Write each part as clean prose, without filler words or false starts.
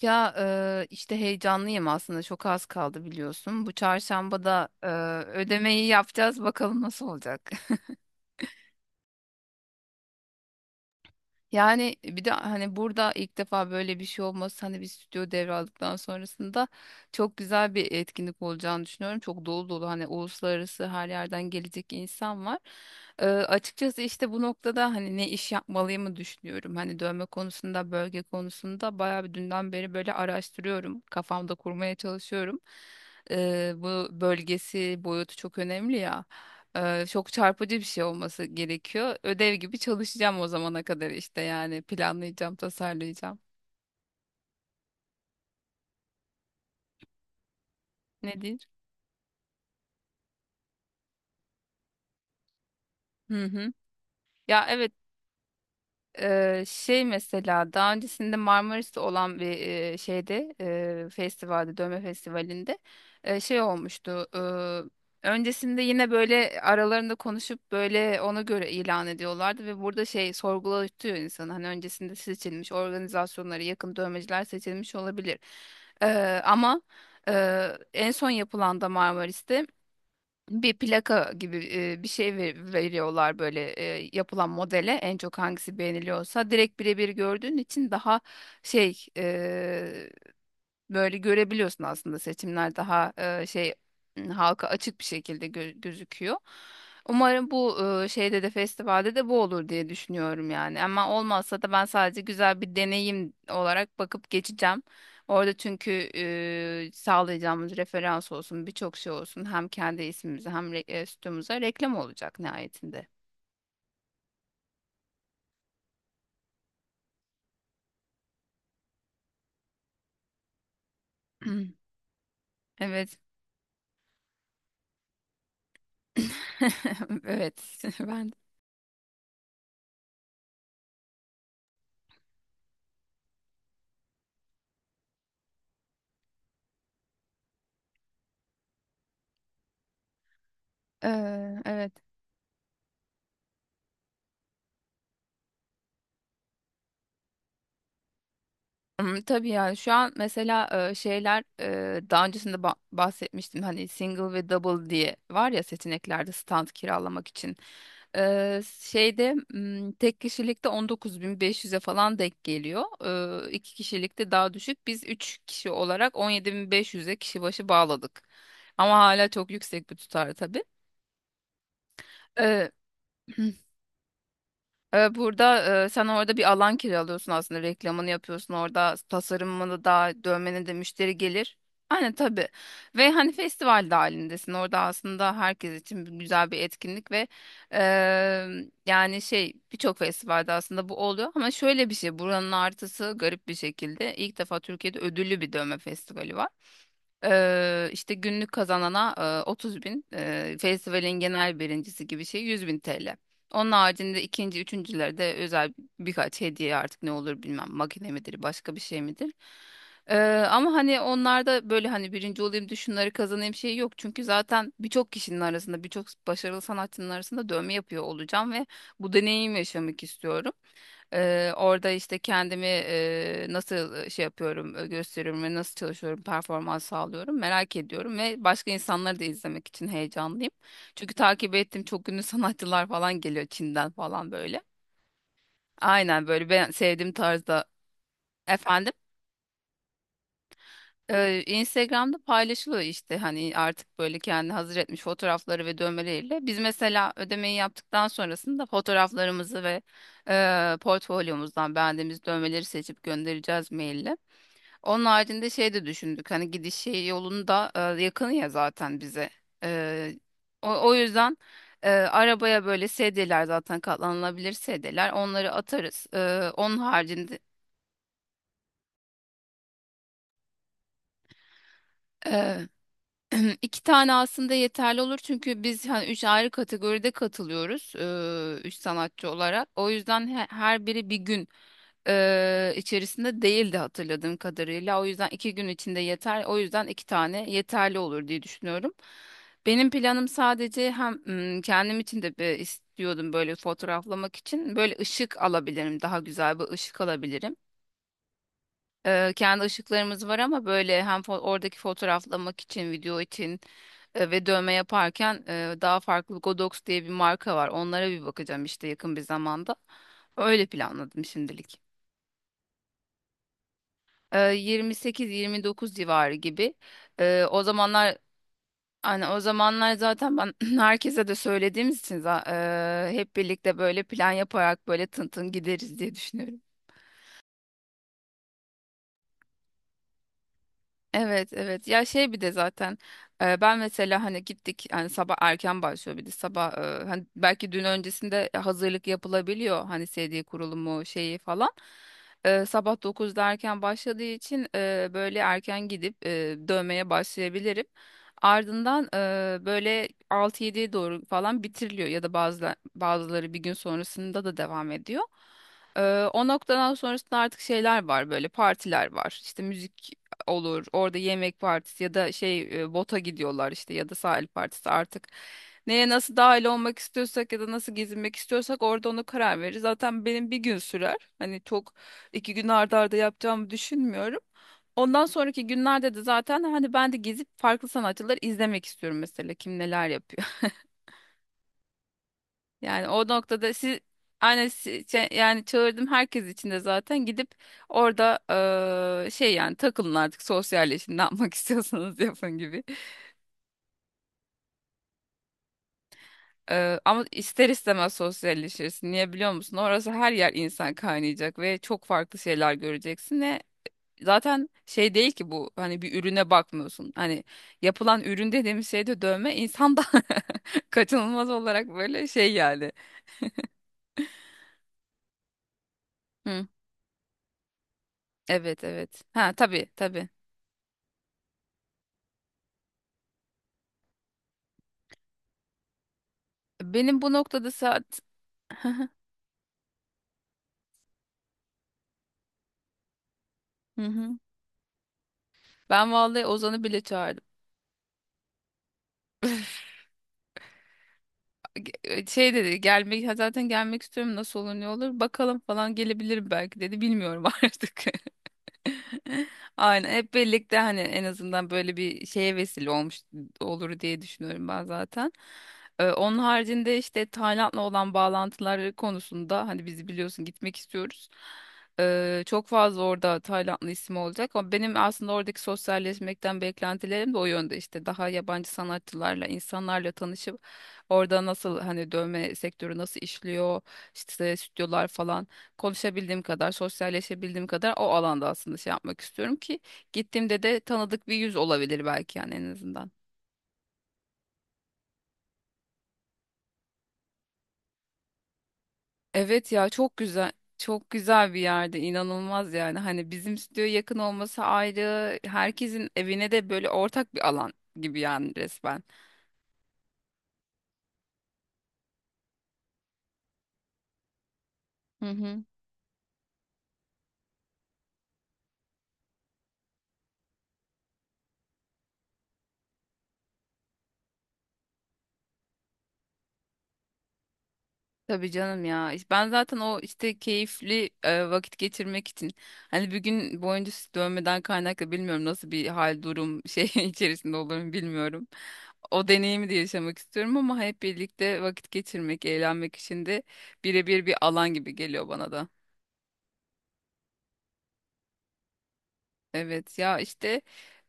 Ya işte heyecanlıyım aslında, çok az kaldı biliyorsun. Bu çarşamba da ödemeyi yapacağız, bakalım nasıl olacak. Yani bir de hani burada ilk defa böyle bir şey olması, hani bir stüdyo devraldıktan sonrasında çok güzel bir etkinlik olacağını düşünüyorum. Çok dolu dolu, hani uluslararası her yerden gelecek insan var. Açıkçası işte bu noktada hani ne iş yapmalıyımı düşünüyorum. Hani dövme konusunda, bölge konusunda bayağı bir, dünden beri böyle araştırıyorum. Kafamda kurmaya çalışıyorum. Bu bölgesi, boyutu çok önemli ya. Çok çarpıcı bir şey olması gerekiyor. Ödev gibi çalışacağım o zamana kadar, işte yani planlayacağım, tasarlayacağım. Nedir? Hı hı. Ya, evet. Şey mesela daha öncesinde Marmaris'te olan bir şeyde, festivalde, dövme festivalinde şey olmuştu. Öncesinde yine böyle aralarında konuşup böyle ona göre ilan ediyorlardı ve burada şey sorgulatıyor insanı. Hani öncesinde seçilmiş organizasyonlara yakın dövmeciler seçilmiş olabilir. Ama En son yapılan da Marmaris'te bir plaka gibi, bir şey veriyorlar böyle, yapılan modele en çok hangisi beğeniliyorsa direkt birebir gördüğün için daha şey, böyle görebiliyorsun. Aslında seçimler daha şey, halka açık bir şekilde gözüküyor. Umarım bu, şeyde de, festivalde de bu olur diye düşünüyorum yani. Ama olmazsa da ben sadece güzel bir deneyim olarak bakıp geçeceğim. Orada çünkü sağlayacağımız referans olsun, birçok şey olsun. Hem kendi ismimize hem stüdyomuza reklam olacak nihayetinde. Evet. Evet. Ben Evet. Hmm, tabii yani şu an mesela, şeyler, daha öncesinde bahsetmiştim hani single ve double diye var ya, seçeneklerde stand kiralamak için. Şeyde, tek kişilikte 19.500'e falan denk geliyor. İki kişilikte daha düşük. Biz 3 kişi olarak 17.500'e kişi başı bağladık. Ama hala çok yüksek bir tutar tabii. E, Burada sen orada bir alan kiralıyorsun, aslında reklamını yapıyorsun orada, tasarımını da, dövmeni de müşteri gelir. Aynen tabii. Ve hani festival de halindesin orada, aslında herkes için güzel bir etkinlik ve e, yani şey birçok festivalde aslında bu oluyor. Ama şöyle bir şey, buranın artısı, garip bir şekilde ilk defa Türkiye'de ödüllü bir dövme festivali var. İşte günlük kazanana 30 bin, festivalin genel birincisi gibi şey 100 bin TL. Onun haricinde ikinci, üçüncülerde özel birkaç hediye artık, ne olur bilmem, makine midir, başka bir şey midir. Eee, Ama hani onlarda böyle, hani birinci olayım da şunları kazanayım, şey yok. Çünkü zaten birçok kişinin arasında, birçok başarılı sanatçının arasında dövme yapıyor olacağım ve bu deneyim yaşamak istiyorum. Orada işte kendimi nasıl şey yapıyorum, gösteriyorum ve nasıl çalışıyorum, performans sağlıyorum merak ediyorum, ve başka insanları da izlemek için heyecanlıyım. Çünkü takip ettiğim çok ünlü sanatçılar falan geliyor, Çin'den falan böyle. Aynen, böyle ben sevdiğim tarzda. Efendim. Instagram'da paylaşılıyor işte, hani artık böyle kendi hazır etmiş fotoğrafları ve dövmeleriyle. Biz mesela ödemeyi yaptıktan sonrasında fotoğraflarımızı ve portfolyomuzdan beğendiğimiz dövmeleri seçip göndereceğiz maille. Onun haricinde şey de düşündük, hani gidiş şey yolunda, yakın ya zaten bize. E, o yüzden, arabaya böyle sedyeler, zaten katlanılabilir sedyeler, onları atarız. Onun haricinde, e, İki tane aslında yeterli olur, çünkü biz hani üç ayrı kategoride katılıyoruz, üç sanatçı olarak. O yüzden her biri bir gün içerisinde değildi hatırladığım kadarıyla. O yüzden iki gün içinde yeter. O yüzden iki tane yeterli olur diye düşünüyorum. Benim planım sadece, hem kendim için de bir istiyordum böyle fotoğraflamak için, böyle ışık alabilirim, daha güzel bir ışık alabilirim. Kendi ışıklarımız var, ama böyle hem oradaki fotoğraflamak için, video için, ve dövme yaparken daha farklı, Godox diye bir marka var. Onlara bir bakacağım işte yakın bir zamanda. Öyle planladım şimdilik. 28-29 civarı gibi. O zamanlar, hani o zamanlar zaten ben herkese de söylediğimiz için hep birlikte böyle plan yaparak böyle tın tın gideriz diye düşünüyorum. Evet, evet ya, şey bir de zaten ben mesela, hani gittik, hani sabah erken başlıyor, bir de sabah hani belki dün öncesinde hazırlık yapılabiliyor, hani CD kurulumu şeyi falan. Sabah 9'da erken başladığı için böyle erken gidip dövmeye başlayabilirim, ardından böyle 6-7'ye doğru falan bitiriliyor, ya da bazı, bazıları bir gün sonrasında da devam ediyor. E, O noktadan sonrasında artık şeyler var, böyle partiler var, işte müzik olur. Orada yemek partisi, ya da şey, bota gidiyorlar işte, ya da sahil partisi artık. Neye nasıl dahil olmak istiyorsak, ya da nasıl gezinmek istiyorsak, orada onu karar veririz. Zaten benim bir gün sürer. Hani çok, iki gün arda arda yapacağımı düşünmüyorum. Ondan sonraki günlerde de zaten hani ben de gezip farklı sanatçıları izlemek istiyorum, mesela kim neler yapıyor. Yani o noktada siz, yani çağırdım herkes için de zaten, gidip orada şey, yani takılın artık, sosyalleşin, ne yapmak istiyorsanız yapın gibi. Ama ister istemez sosyalleşirsin. Niye biliyor musun? Orası, her yer insan kaynayacak ve çok farklı şeyler göreceksin, ve zaten şey değil ki bu, hani bir ürüne bakmıyorsun. Hani yapılan ürün dediğimiz şey de dövme, insan da kaçınılmaz olarak böyle şey yani. Hı, evet, evet. Ha, tabii tabii. Benim bu noktada saat Hı hı. Ben vallahi Ozan'ı bile çağırdım. Şey dedi, gelmek, zaten gelmek istiyorum, nasıl olur, ne olur bakalım falan, gelebilirim belki dedi, bilmiyorum artık. Aynen, hep birlikte hani, en azından böyle bir şeye vesile olmuş olur diye düşünüyorum ben zaten. Onun haricinde işte, Tayland'la olan bağlantıları konusunda, hani bizi biliyorsun, gitmek istiyoruz. Çok fazla orada Taylandlı ismi olacak, ama benim aslında oradaki sosyalleşmekten beklentilerim de o yönde, işte daha yabancı sanatçılarla, insanlarla tanışıp, orada nasıl, hani dövme sektörü nasıl işliyor, işte stüdyolar falan, konuşabildiğim kadar, sosyalleşebildiğim kadar o alanda aslında şey yapmak istiyorum ki, gittiğimde de tanıdık bir yüz olabilir belki, yani en azından. Evet ya, çok güzel. Çok güzel bir yerde, inanılmaz yani, hani bizim stüdyoya yakın olması ayrı, herkesin evine de böyle ortak bir alan gibi yani resmen. Hı hı. Tabii canım ya. İşte ben zaten, o işte keyifli vakit geçirmek için, hani bir gün boyunca dönmeden kaynaklı, bilmiyorum nasıl bir hal, durum, şey içerisinde olurum bilmiyorum. O deneyimi de yaşamak istiyorum, ama hep birlikte vakit geçirmek, eğlenmek için de birebir bir alan gibi geliyor bana da. Evet ya işte,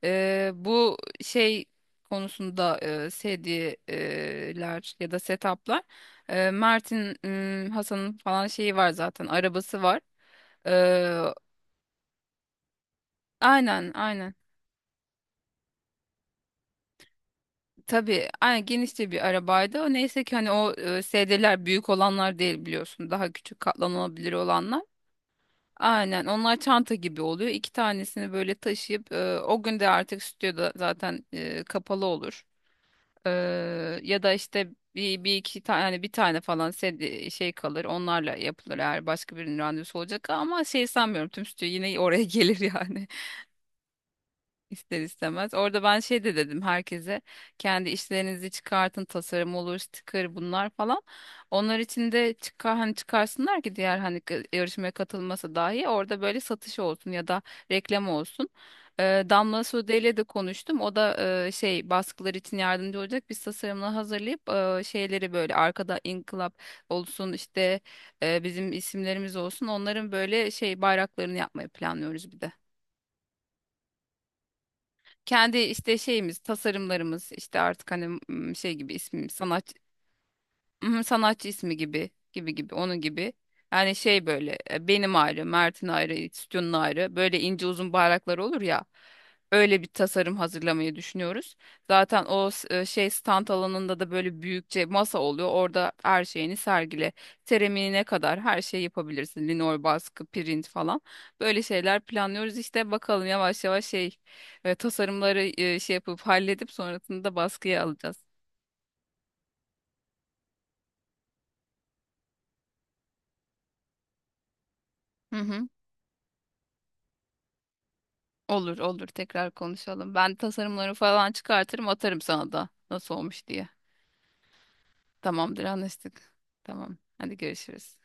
bu şey konusunda, sedyeler ya da setuplar, Mert'in, Hasan'ın falan şeyi var, zaten arabası var. Eee, aynen aynen. Tabii, aynen, genişçe bir arabaydı. Neyse ki hani o sedyeler büyük olanlar değil biliyorsun. Daha küçük, katlanabilir olanlar. Aynen, onlar çanta gibi oluyor. İki tanesini böyle taşıyıp o gün de artık stüdyoda zaten kapalı olur. E, Ya da işte bir iki tane, yani bir tane falan şey kalır. Onlarla yapılır eğer başka birinin randevusu olacak, ama şey sanmıyorum, tüm stüdyo yine oraya gelir yani. İster istemez. Orada ben şey de dedim herkese, kendi işlerinizi çıkartın, tasarım olur, sticker, bunlar falan. Onlar için de çıkar hani, çıkarsınlar ki diğer hani, yarışmaya katılması dahi orada, böyle satış olsun ya da reklam olsun. Damla Sude ile de konuştum. O da şey baskılar için yardımcı olacak. Biz tasarımla hazırlayıp şeyleri böyle arkada inkılap olsun işte, bizim isimlerimiz olsun. Onların böyle şey bayraklarını yapmayı planlıyoruz bir de, kendi işte şeyimiz, tasarımlarımız, işte artık hani, şey gibi, ismim sanat. Mhm, sanatçı ismi gibi gibi gibi, onun gibi. Yani şey böyle benim ayrı, Mert'in ayrı, Stüdyo'nun ayrı, böyle ince uzun bayraklar olur ya. Öyle bir tasarım hazırlamayı düşünüyoruz. Zaten o şey stand alanında da böyle büyükçe masa oluyor. Orada her şeyini sergile. Seramiğine kadar her şeyi yapabilirsin. Linol baskı, print falan. Böyle şeyler planlıyoruz. İşte bakalım, yavaş yavaş şey, tasarımları şey yapıp halledip sonrasında baskıya alacağız. Hı hı. Olur olur, tekrar konuşalım. Ben tasarımları falan çıkartırım, atarım sana da, nasıl olmuş diye. Tamamdır, anlaştık. Tamam, hadi görüşürüz.